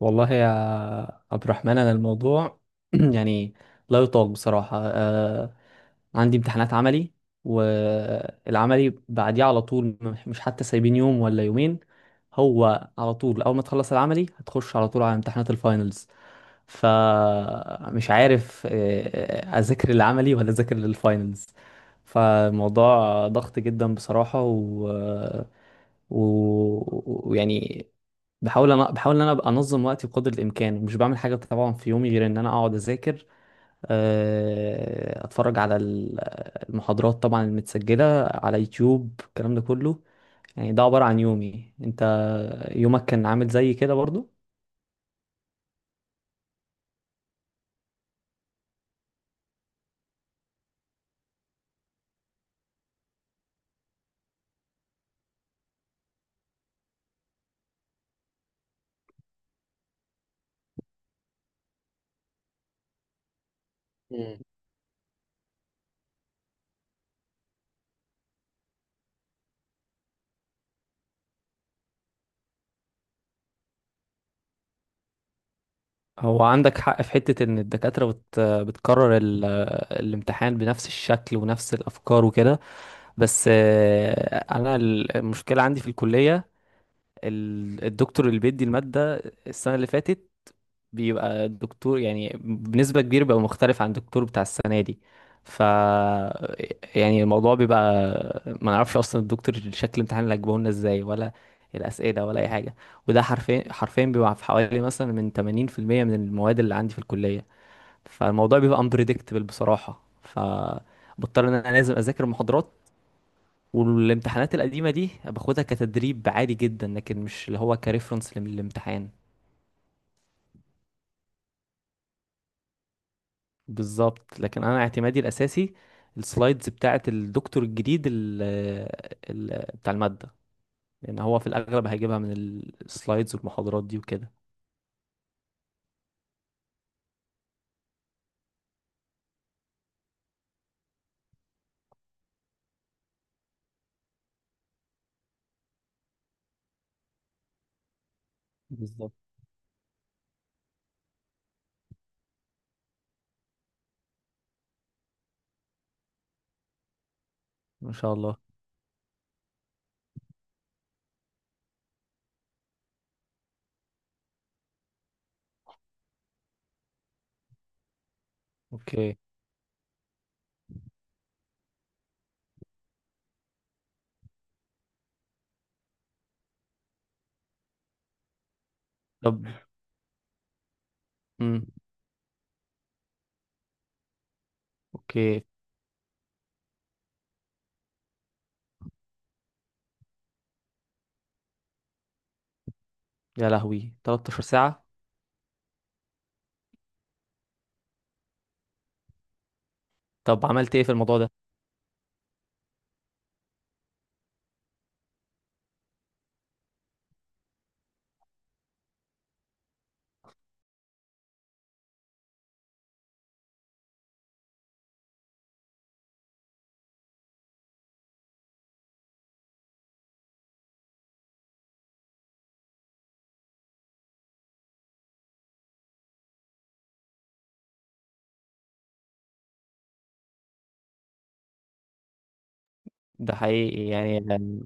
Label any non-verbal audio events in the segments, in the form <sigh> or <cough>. والله يا عبد الرحمن انا الموضوع <clears throat> يعني لا يطاق بصراحه. عندي امتحانات عملي، والعملي بعديه على طول، مش حتى سايبين يوم ولا يومين، هو على طول اول ما تخلص العملي هتخش على طول على امتحانات الفاينلز. فمش عارف اذاكر العملي ولا اذاكر للفاينلز. فالموضوع ضغط جدا بصراحه و ويعني بحاول ان انا ابقى انظم وقتي بقدر الامكان، ومش بعمل حاجه طبعا في يومي غير ان انا اقعد اذاكر، اتفرج على المحاضرات طبعا المتسجله على يوتيوب، الكلام ده كله. يعني ده عباره عن يومي. انت يومك كان عامل زي كده برضو؟ مم. هو عندك حق في حته ان الدكاتره بتكرر الامتحان بنفس الشكل ونفس الافكار وكده. بس انا المشكله عندي في الكليه، الدكتور اللي بيدي الماده السنه اللي فاتت بيبقى الدكتور يعني بنسبة كبيرة بيبقى مختلف عن الدكتور بتاع السنة دي. ف يعني الموضوع بيبقى، ما نعرفش اصلا الدكتور شكل الامتحان اللي هيجيبه لنا ازاي، ولا الاسئله، ولا اي حاجه. وده حرفيا حرفيا بيبقى في حوالي مثلا من 80% من المواد اللي عندي في الكليه. فالموضوع بيبقى unpredictable بصراحه، فبضطر ان انا لازم اذاكر المحاضرات، والامتحانات القديمه دي باخدها كتدريب عادي جدا، لكن مش اللي هو كريفرنس للامتحان. بالظبط، لكن انا اعتمادي الاساسي السلايدز بتاعه الدكتور الجديد، ال بتاع الماده، لان هو في الاغلب هيجيبها من السلايدز والمحاضرات دي وكده. بالظبط. ما شاء الله. اوكي. طب. امم. اوكي، يا لهوي، 13 ساعه؟ طب عملت ايه في الموضوع ده؟ ده حقيقي يعني يعني.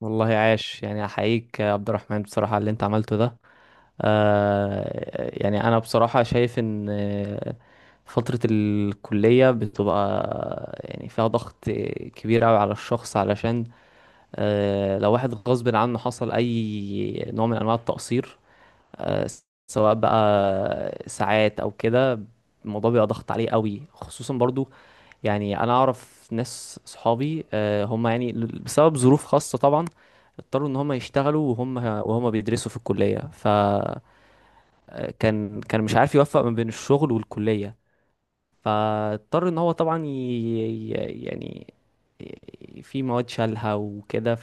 والله عاش، يعني احييك يا عبد الرحمن بصراحه على اللي انت عملته ده. يعني انا بصراحة شايف ان فترة الكلية بتبقى يعني فيها ضغط كبير قوي على الشخص، علشان لو واحد غصب عنه حصل اي نوع من انواع التقصير، آه، سواء بقى ساعات او كده، الموضوع بيبقى ضغط عليه قوي. خصوصا برضو يعني انا اعرف ناس صحابي، هم يعني بسبب ظروف خاصة طبعا اضطروا ان هم يشتغلوا وهم بيدرسوا في الكلية. كان مش عارف يوفق ما بين الشغل والكلية، فاضطر ان هو طبعا في مواد شالها وكده.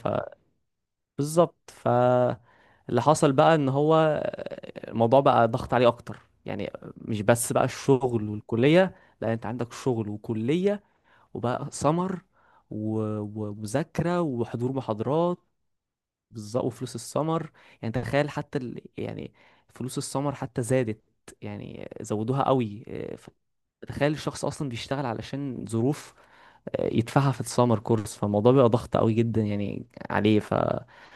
فبالظبط، فاللي حصل بقى ان هو الموضوع بقى ضغط عليه اكتر. يعني مش بس بقى الشغل والكلية، لا، انت عندك شغل وكلية، وبقى سمر، ومذاكرة، وحضور محاضرات. بالظبط، وفلوس السمر. يعني تخيل حتى يعني فلوس السمر حتى زادت، يعني زودوها قوي إيه، تخيل الشخص اصلا بيشتغل علشان ظروف يدفعها في السمر كورس. فالموضوع بيبقى ضغط قوي جدا يعني عليه. فربنا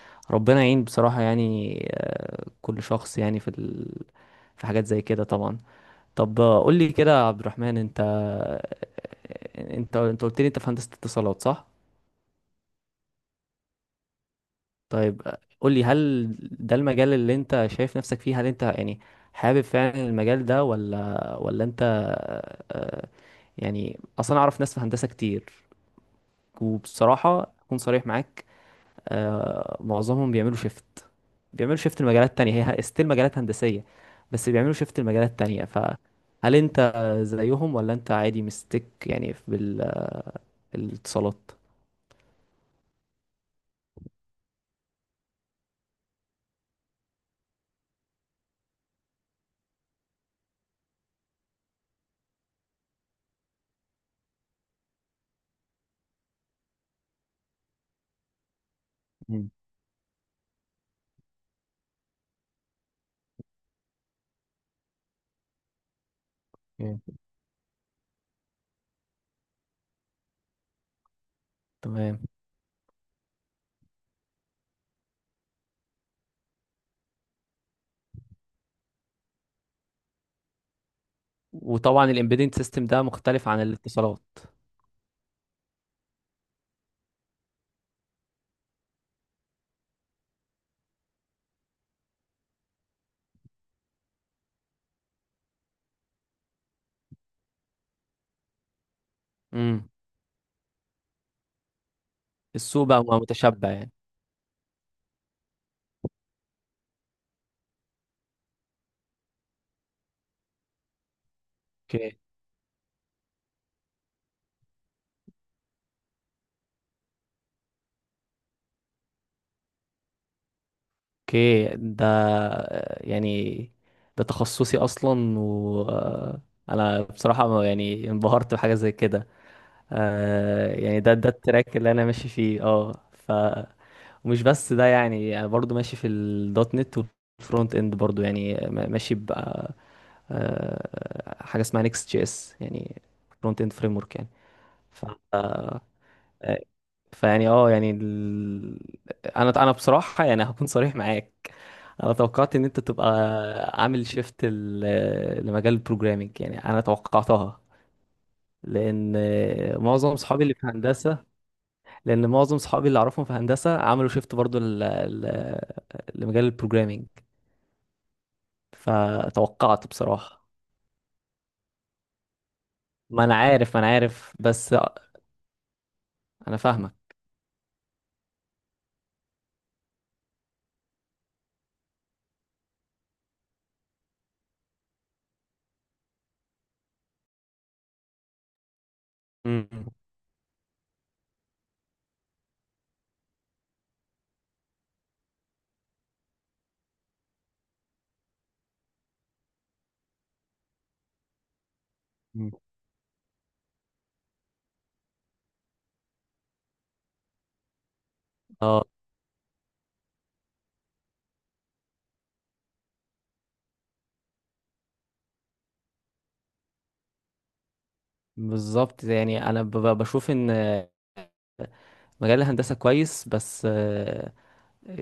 يعين بصراحة. يعني كل شخص يعني في حاجات زي كده طبعا. طب قول لي كده يا عبد الرحمن، انت انت قلت لي انت في هندسة اتصالات، صح؟ طيب قول لي، هل ده المجال اللي انت شايف نفسك فيه؟ هل انت يعني حابب فعلا المجال ده ولا انت آه، يعني؟ اصلا اعرف ناس في هندسة كتير، وبصراحة اكون صريح معاك، معظمهم بيعملوا شيفت. بيعملوا شيفت لمجالات تانية، هي ستيل مجالات هندسية، بس بيعملوا شيفت لمجالات تانية. فهل انت زيهم، ولا انت عادي مستك يعني بالاتصالات؟ مم. اوكي. تمام. وطبعا الامبيدنت سيستم ده مختلف عن الاتصالات. امم. السوق بقى متشبع يعني. اوكي. اوكي، ده يعني ده تخصصي اصلا، و آه، انا بصراحه يعني انبهرت بحاجه زي كده. يعني ده التراك اللي انا ماشي فيه. اه ومش بس ده، يعني يعني برضو ماشي في الدوت نت، والفرونت اند برضو، يعني ماشي بقى حاجه اسمها نيكست جي اس، يعني فرونت اند فريم ورك. يعني فيعني اه يعني ال... انا بصراحه يعني هكون صريح معاك، انا توقعت ان انت تبقى عامل شيفت لمجال البروجرامينج، يعني انا توقعتها. لان معظم صحابي اللي في هندسه لان معظم صحابي اللي اعرفهم في هندسه عملوا شيفت برضو ل... لمجال البروجرامينج. فتوقعت بصراحه، ما انا عارف، ما انا عارف بس. انا فاهمك. مم. مم. اه، بالظبط، يعني انا بشوف ان مجال الهندسة كويس، بس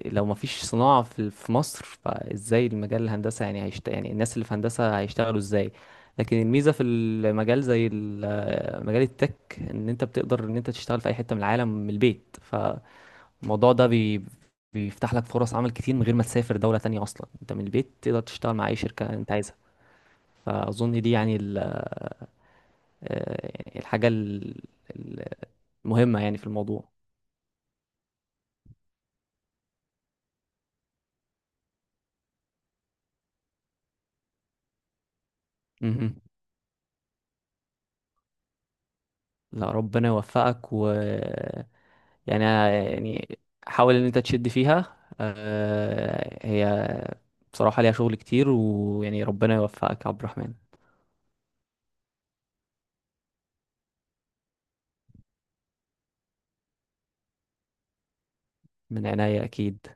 لو مفيش صناعة في مصر، فازاي المجال الهندسة يعني يعني الناس اللي في هندسة هيشتغلوا ازاي؟ لكن الميزة في المجال زي مجال التك، ان انت بتقدر ان انت تشتغل في اي حتة من العالم من البيت. فالموضوع ده بي... بيفتح لك فرص عمل كتير من غير ما تسافر دولة تانية. اصلا انت من البيت تقدر تشتغل مع اي شركة انت عايزها. فاظن دي يعني ال... آه، يعني الحاجة المهمة يعني في الموضوع. لا، ربنا يوفقك. و يعني آه، يعني حاول ان انت تشد فيها. هي بصراحة ليها شغل كتير، ويعني ربنا يوفقك يا عبد الرحمن. من عناية اكيد.